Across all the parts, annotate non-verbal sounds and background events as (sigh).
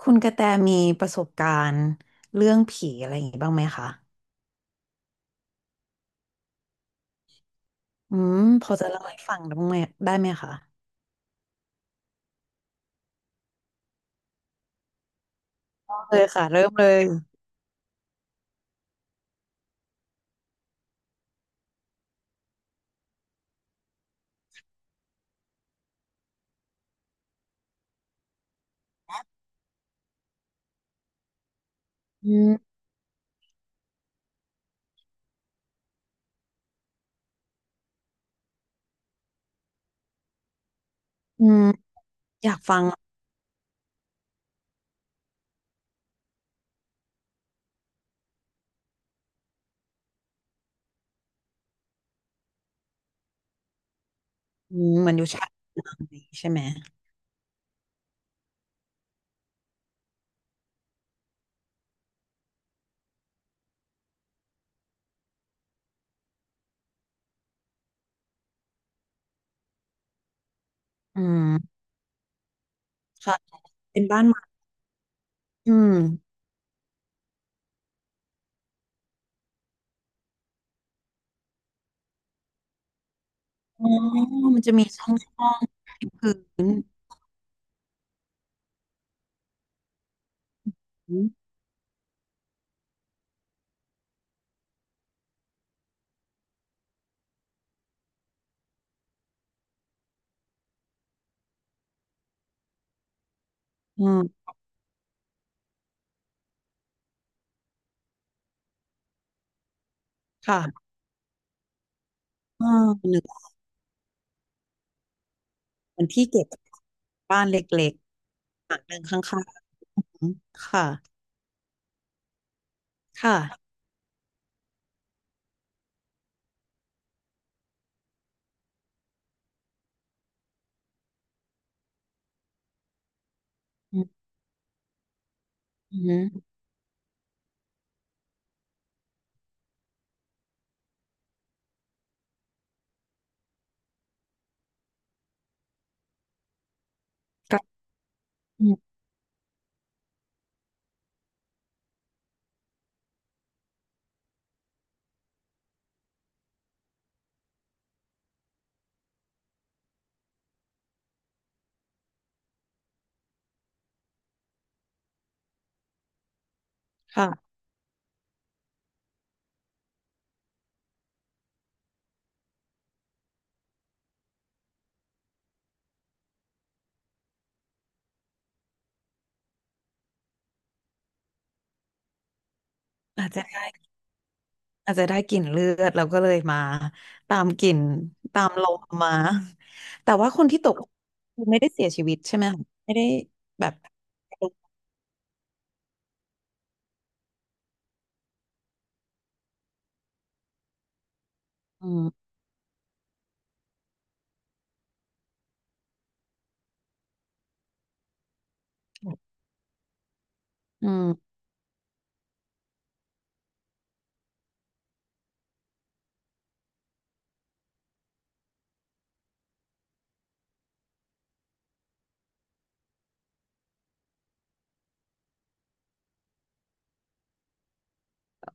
คุณกระแตมีประสบการณ์เรื่องผีอะไรอย่างงี้บ้างไหมคะอืมพอจะเล่าให้ฟังได้บ้างไหมได้ไหมคะเเลยค่ะเริ่มเลยอืมอืมอยากฟังเหมือนอยู่ชายหนดางนี้ใช่ไหมอืมค่ะเป็นบ้านไม้อืมอ๋อมันจะมีช่องช่องพื้นอืมอืมค่ะอ่าหนึ่งเหมือนที่เก็บบ้านเล็กๆหลังหนึ่งข้างๆ ค่ะค่ะอืมอืมก็อืมค่ะอาจจะได้ อาจจะได้กลิ่นเลือดเราก็เลยมาตามกลิ่นตามลมมาแต่ว่าคนที่ตกคือไม่ได้เสียชีวิตใช่ไหมคะไม่ได้แบบอืมอืม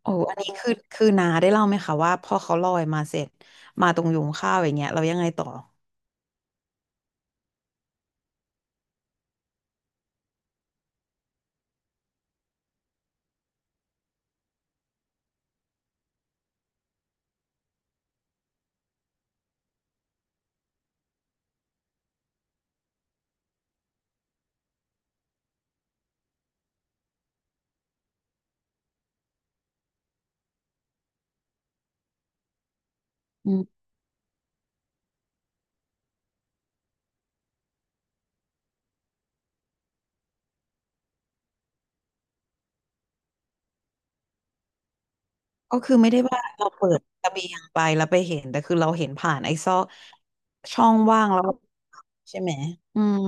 โอ้อันนี้คือคือนาได้เล่าไหมคะว่าพอเขาลอยมาเสร็จมาตรงยุงข้าวอย่างเงี้ยเรายังไงต่ออืมก็คือไม่ได้ว่าเราเปิดระเบียงไปแล้วไปเห็นแต่คือเราเห็นผ่านไอ้ซอกช่องว่างแล้วใช่ไหมอืม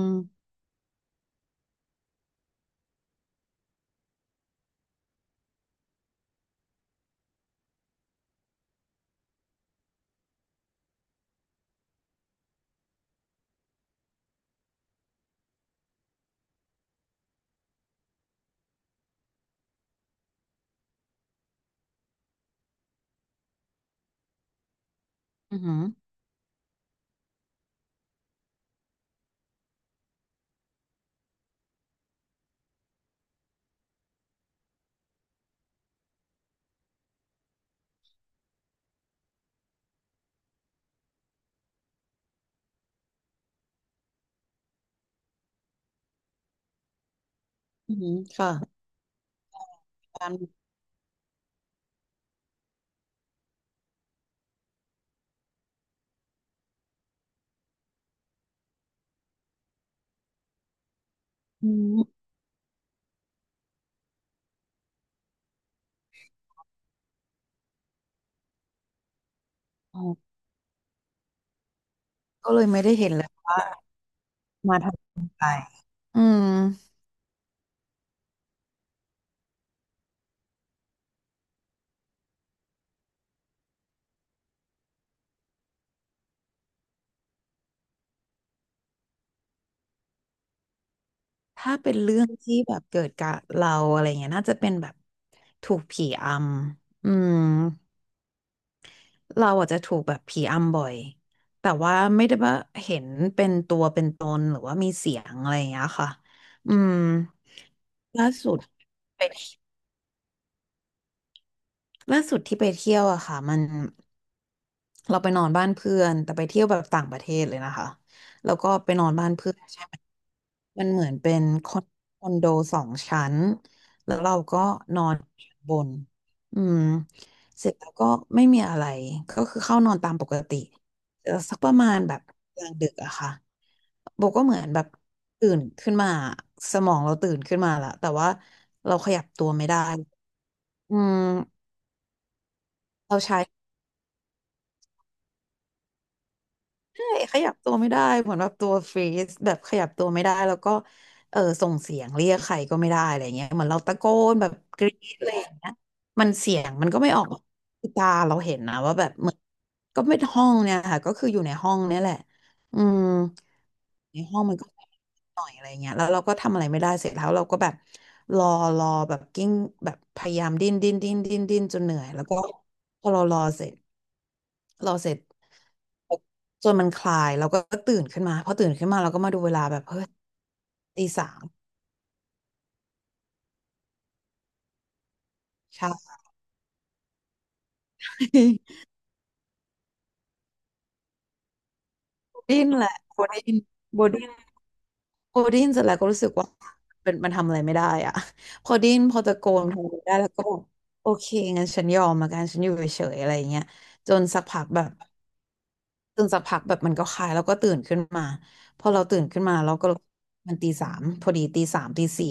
อือหืออือหือค่ะการอืมอ๋อ ก็เลยไม่ได้เห็นเลยว่ามาทำอะไรอืมถ้าเป็นเรื่องที่แบบเกิดกับเราอะไรเงี้ยน่าจะเป็นแบบถูกผีอำเราอาจจะถูกแบบผีอำบ่อยแต่ว่าไม่ได้ว่าเห็นเป็นตัวเป็นตนหรือว่ามีเสียงอะไรอย่างเงี้ยค่ะอืมล่าสุดไปเที่ยว ล่าสุดที่ไปเที่ยวอะค่ะมันเราไปนอนบ้านเพื่อนแต่ไปเที่ยวแบบต่างประเทศเลยนะคะแล้วก็ไปนอนบ้านเพื่อนใช่ไหมมันเหมือนเป็นคอนโด2 ชั้นแล้วเราก็นอนชั้นบนอืมเสร็จแล้วก็ไม่มีอะไรก็คือเข้านอนตามปกติสักประมาณแบบกลางดึกอะค่ะโบก็เหมือนแบบตื่นขึ้นมาสมองเราตื่นขึ้นมาละแต่ว่าเราขยับตัวไม่ได้อืมเราใช้ ขยับตัวไม่ได้เหมือนแบบตัวฟรีซแบบขยับตัวไม่ได้แล้วก็ส่งเสียงเรียกใครก็ไม่ได้อะไรเงี้ยเหมือนเราตะโกนแบบกรี๊ดอะไรอย่างเงี้ยมันเสียงมันก็ไม่ออกคือตาเราเห็นนะว่าแบบเหมือนก็ไม่ห้องเนี่ยค่ะก็คืออยู่ในห้องเนี่ยแหละอืม ในห้องมันก็หน่อยอะไรเงี้ยแล้วเราก็ทำอะไรไม่ได้เสร็จแล้วเราก็แบบรอรอแบบกิ้งแบบพยายามดิ้นดิ้นดิ้นดิ้นดิ้นจนเหนื่อยแล้วก็พอเรารอเสร็จรอเสร็จจนมันคลายเราก็ตื่นขึ้นมาพอตื่นขึ้นมาเราก็มาดูเวลาแบบเฮ้ยตีสามเช้า (laughs) ดิ้นแหละโบดิ้นโบดิ้น พอได้ยินเสร็จแล้วก็รู้สึกว่าเป็นมันทำอะไรไม่ได้อะ (laughs) พอไดยินพอตะโกนพออะไรได้แล้วก็แบอกโอเคงั้นฉันยอมมากันฉันอยู่เฉยๆอะไรอย่างเงี้ยจนสักพักแบบจนสักพักแบบมันก็คลายแล้วก็ตื่นขึ้นมาพอเราตื่นขึ้นมาเราก็รู้มันตี 3 พอดี ตี 3 ตี 4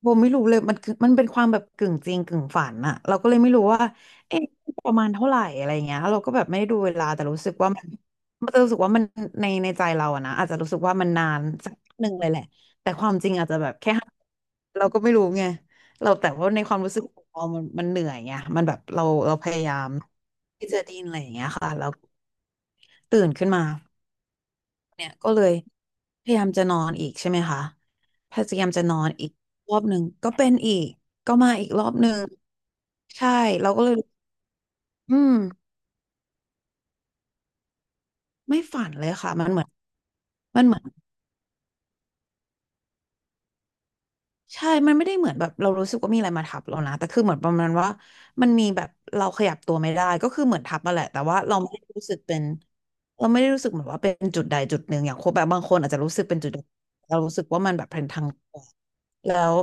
โบไม่รู้เลยมันคือมันเป็นความแบบกึ่งจริงกึ่งฝันอะเราก็เลยไม่รู้ว่าเอ๊ะประมาณเท่าไหร่อะไรเงี้ยเราก็แบบไม่ได้ดูเวลาแต่รู้สึกว่ามันมันจะรู้สึกว่ามันในในใจเราอะนะอาจจะรู้สึกว่ามันนานสักหนึ่งเลยแหละแต่ความจริงอาจจะแบบแค่ห้าเราก็ไม่รู้ไงเราแต่ว่าในความรู้สึกของเรามันมันเหนื่อยไงมันแบบเราพยายามที่จะดิ้นอะไรอย่างเงี้ยค่ะเราตื่นขึ้นมา เนี่ยก็เลยพยายามจะนอนอีกใช่ไหมคะพยายามจะนอนอีกรอบหนึ่งก็เป็นอีกก็มาอีกรอบหนึ่งใช่เราก็เลยอืมไม่ฝันเลยค่ะมันเหมือนมันเหมือนใช่มันไม่ได้เหมือนแบบเรารู้สึกว่ามีอะไรมาทับเรานะแต่คือเหมือนประมาณว่ามันมีแบบเราขยับตัวไม่ได้ก็คือเหมือนทับมาแหละแต่ว่าเราไม่ได้รู้สึกเป็นเราไม่ได้รู้สึกเหมือนว่าเป็นจุดใดจุดหนึ่งอย่างคนแบบบางคนอาจจะรู้สึกเป็นจุดใดเรารู้สึกว่ามันแบบเป็นทางแล้ว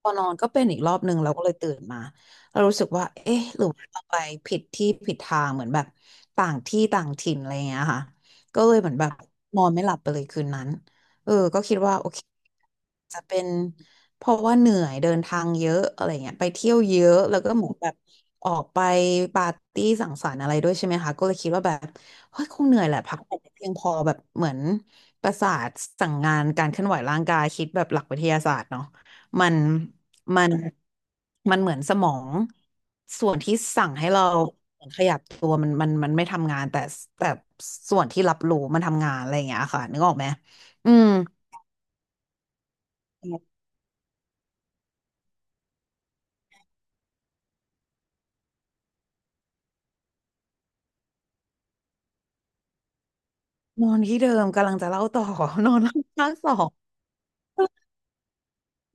พอนอนก็เป็นอีกรอบหนึ่งเราก็เลยตื่นมาเรารู้สึกว่าเอ๊ะหรือว่าเราไปผิดที่ผิดทางเหมือนแบบต่างที่ต่างถิ่นอะไรอย่างเงี้ยค่ะก็เลยเหมือนแบบนอนไม่หลับไปเลยคืนนั้นเออก็คิดว่าโอเคจะเป็นเพราะว่าเหนื่อยเดินทางเยอะอะไรเงี้ยไปเที่ยวเยอะแล้วก็เหมือนแบบออกไปปาร์ตี้สังสรรค์อะไรด้วยใช่ไหมคะก็เลยคิดว่าแบบเฮ้ยคงเหนื่อยแหละพักผ่อนไม่เพียงพอแบบเหมือนประสาทสั่งงานการเคลื่อนไหวร่างกายคิดแบบหลักวิทยาศาสตร์เนาะ มันมันมันเหมือนสมองส่วนที่สั่งให้เราขยับตัวมันไม่ทำงานแต่ส่วนที่รับรู้มันทำงานอะไรอย่างเงี้ยค่ะนึกออกไหมอืมนอนที่เดิมกำลังจะเล่าต่อ (laughs) นอนข้างสอง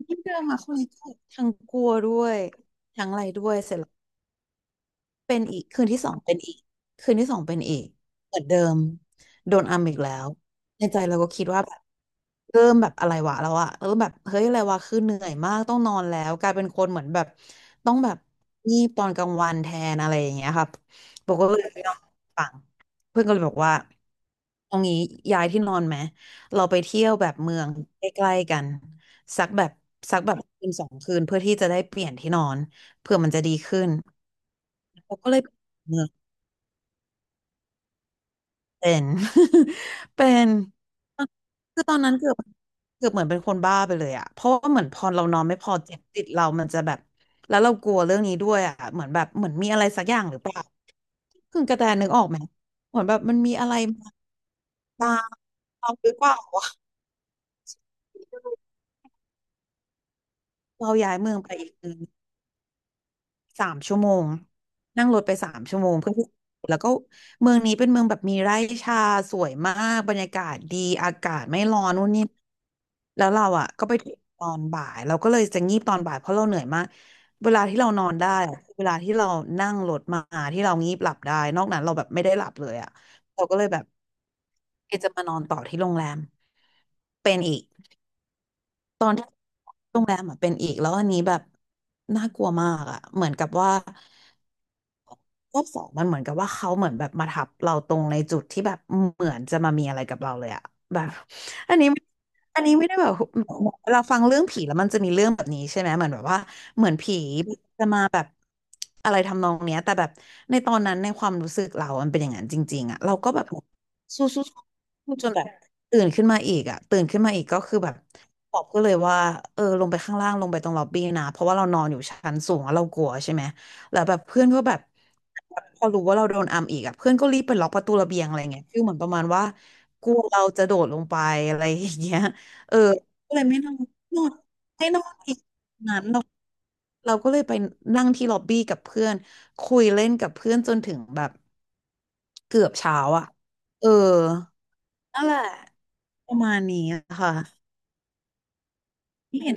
ที่เดิมอะคนนี้ทั้งกลัวด้วยทั้งอะไรด้วยเสร็จ เป็นอีกคืนที่สองเป็นอีกคืนที่สองเป็นอีกเหมือนเดิมโดนอัมอีกแล้วในใจเราก็คิดว่าแบบเริ่มแบบอะไรวะแล้วอะเริ่มแบบเฮ้ยอะไรวะคือเหนื่อยมากต้องนอนแล้วกลายเป็นคนเหมือนแบบต้องแบบงีบตอนกลางวันแทนอะไรอย่างเงี้ยครับบอกว่าเลยไม่ยอมฟังเพื่อนก็เลยบอกว่าเอางี้ย้ายที่นอนไหมเราไปเที่ยวแบบเมืองใกล้ๆกันสักแบบสักแบบคืนสองคืนเพื่อที่จะได้เปลี่ยนที่นอนเพื่อมันจะดีขึ้น เราก็เลยเมืองเป็น (laughs) เป็นคือตอนนั้นเกือบเกือบเหมือนเป็นคนบ้าไปเลยอะเพราะว่าเหมือนพอเรานอนไม่พอเจ็บติดเรามันจะแบบแล้วเรากลัวเรื่องนี้ด้วยอะเหมือนแบบเหมือนมีอะไรสักอย่างหรือเปล่าคือกระแตนึกออกไหมเหมือนแบบมันมีอะไรมาตามเราหรือเปล่าเราย้ายเมืองไปอีก สามชั่วโมงนั่งรถไปสามชั่วโมงเพื่อที่แล้วก็เมืองนี้เป็นเมืองแบบมีไร่ชาสวยมากบรรยากาศดีอากาศไม่ร้อนนู่นนี่แล้วเราอ่ะก็ไปถึงตอนบ่ายเราก็เลยจะงีบตอนบ่ายเพราะเราเหนื่อยมากเวลาที่เรานอนได้อะคือเวลาที่เรานั่งรถมาที่เรางีบหลับได้นอกนั้นเราแบบไม่ได้หลับเลยอ่ะเราก็เลยแบบเอจะมานอนต่อที่โรงแรมเป็นอีกตอนที่โรงแรมอ่ะเป็นอีกแล้วอันนี้แบบน่ากลัวมากอ่ะเหมือนกับว่า รอบสองมันเหมือนกับว่าเขาเหมือนแบบมาทับเราตรงในจุดที่แบบเหมือนจะมามีอะไรกับเราเลยอะแบบอันนี้อันนี้ไม่ได้แบบเราฟังเรื่องผีแล้วมันจะมีเรื่องแบบนี้ใช่ไหมเหมือนแบบว่าเหมือนผีจะมาแบบอะไรทำนองเนี้ยแต่แบบในตอนนั้นในความรู้สึกเรามันเป็นอย่างนั้นจริงๆอะเราก็แบบสู้ๆสู้จนแบบตื่นขึ้นมาอีกอะตื่นขึ้นมาอีกก็คือแบบบอกก็เลยว่าเออลงไปข้างล่างลงไปตรงล็อบบี้นะเพราะว่าเรานอนอยู่ชั้นสูงแล้วเรากลัวใช่ไหมแล้วแบบเพื่อนก็แบบ พอรู้ว่าเราโดนอัมอีกอะเพื่อนก็รีบไปล็อกประตูระเบียงอะไรเงี้ยคือเหมือนประมาณว่ากลัวเราจะโดดลงไปอะไรอย่างเงี้ยเออก็เลยไม่นอนนอนให้นอนอีกนั้นเราเราก็เลยไปนั่งที่ล็อบบี้กับเพื่อนคุยเล่นกับเพื่อนจนถึงแบบเกือบเช้าอ่ะเออนั่นแหละประมาณนี้อะค่ะไ่เห็น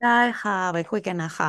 ได้ค่ะไว้คุยกันนะคะ